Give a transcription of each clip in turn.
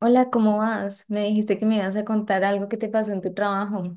Hola, ¿cómo vas? Me dijiste que me ibas a contar algo que te pasó en tu trabajo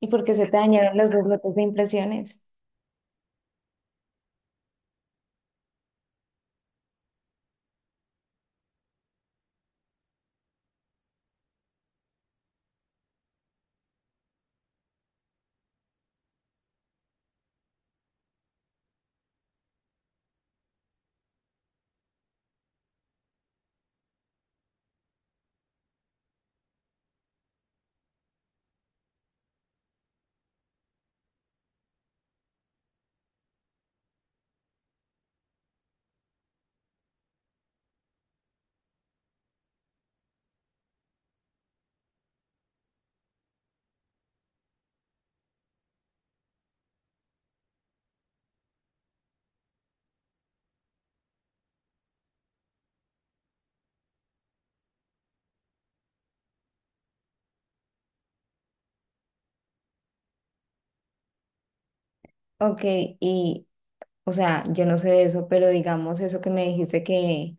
y por qué se te dañaron los dos lotes de impresiones. Ok, y, yo no sé de eso, pero digamos eso que me dijiste que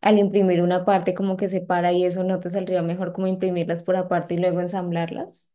al imprimir una parte como que se para y eso, ¿no te saldría mejor como imprimirlas por aparte y luego ensamblarlas?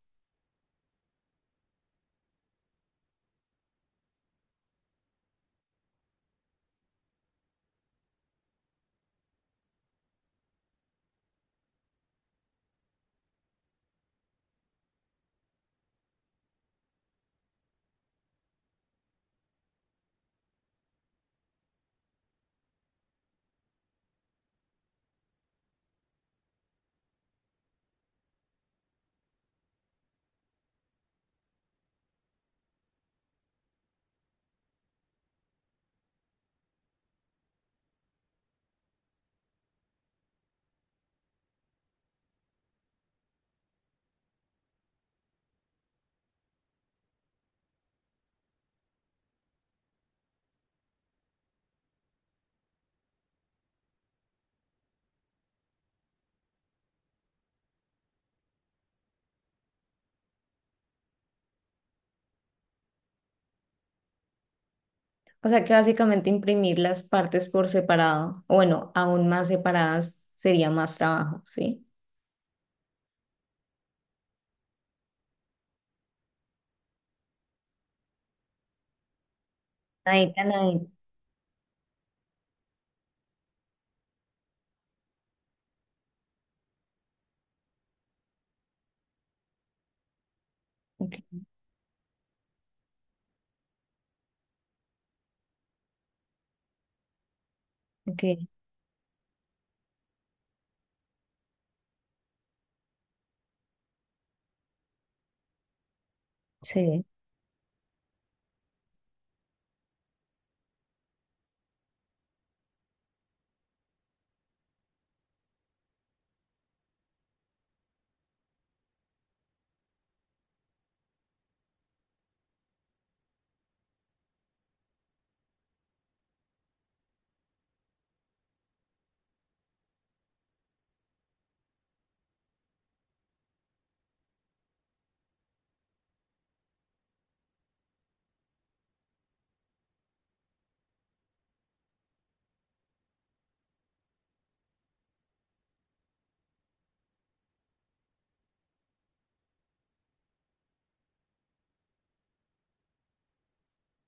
O sea que básicamente imprimir las partes por separado, o bueno, aún más separadas sería más trabajo, ¿sí? Ahí, ahí. Ok, ok, sí.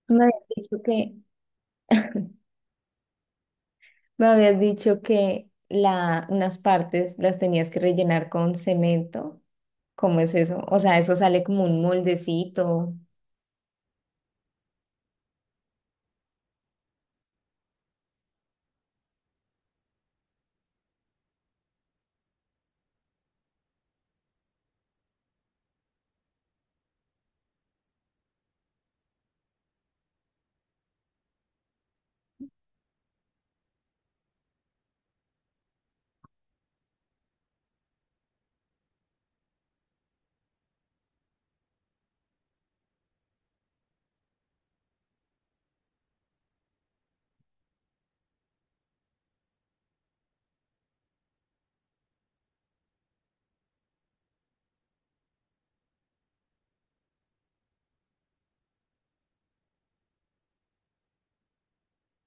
Me habías dicho que Me habías dicho que unas partes las tenías que rellenar con cemento. ¿Cómo es eso? O sea, eso sale como un moldecito.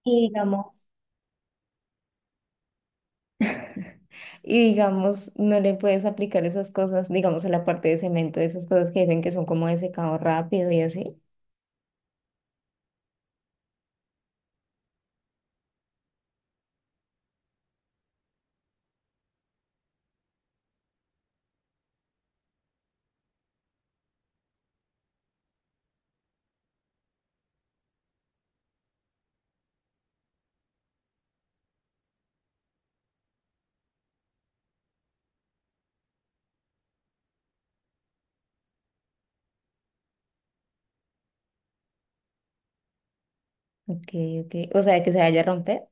Y digamos, y digamos, ¿no le puedes aplicar esas cosas, digamos, a la parte de cemento, esas cosas que dicen que son como de secado rápido y así? Ok, ok. O sea, que se vaya a romper.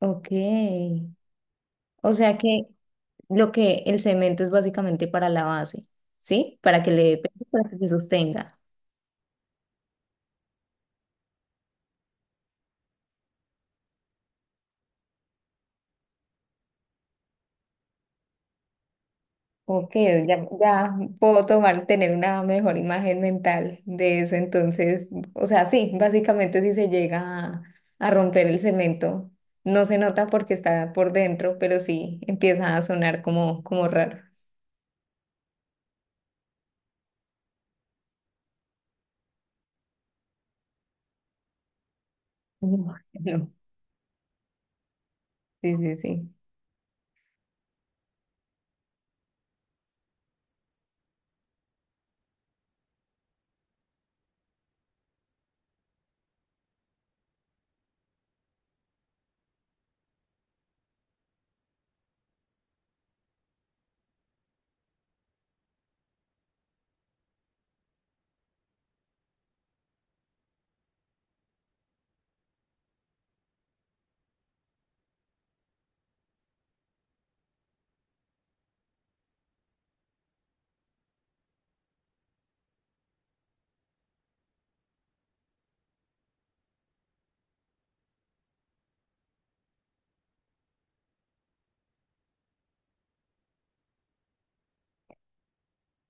Ok. O sea que Lo que el cemento es básicamente para la base, ¿sí? Para que le dé peso, para que se sostenga. Ok, ya, ya puedo tomar, tener una mejor imagen mental de eso. Entonces, o sea, sí, básicamente si se llega a, a romper el cemento, no se nota porque está por dentro, pero sí empieza a sonar como, como raro. Ujú. No, sí, sí, sí.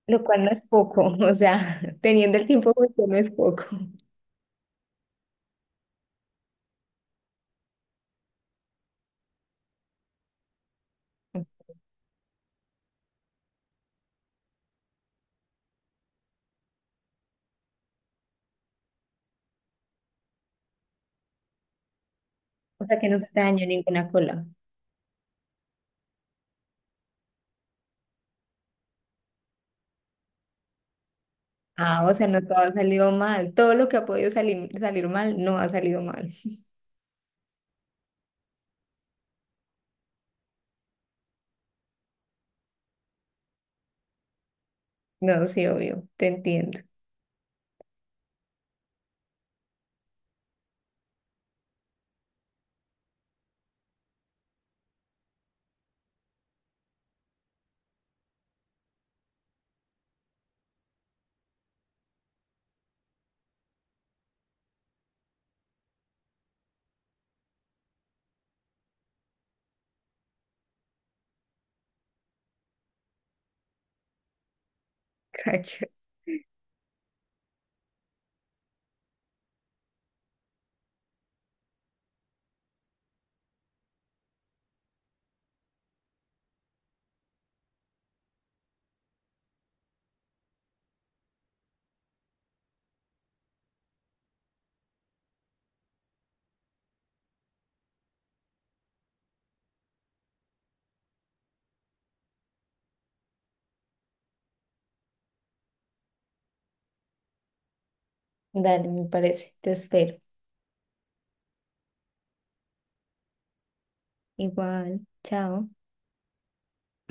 Lo cual no es poco, o sea, teniendo el tiempo justo no es poco. O sea, que no se te dañó ninguna cola. Ah, o sea, no todo ha salido mal. Todo lo que ha podido salir, salir mal no ha salido mal. No, sí, obvio, te entiendo. Cacho. Dale, me parece. Te espero. Igual. Chao.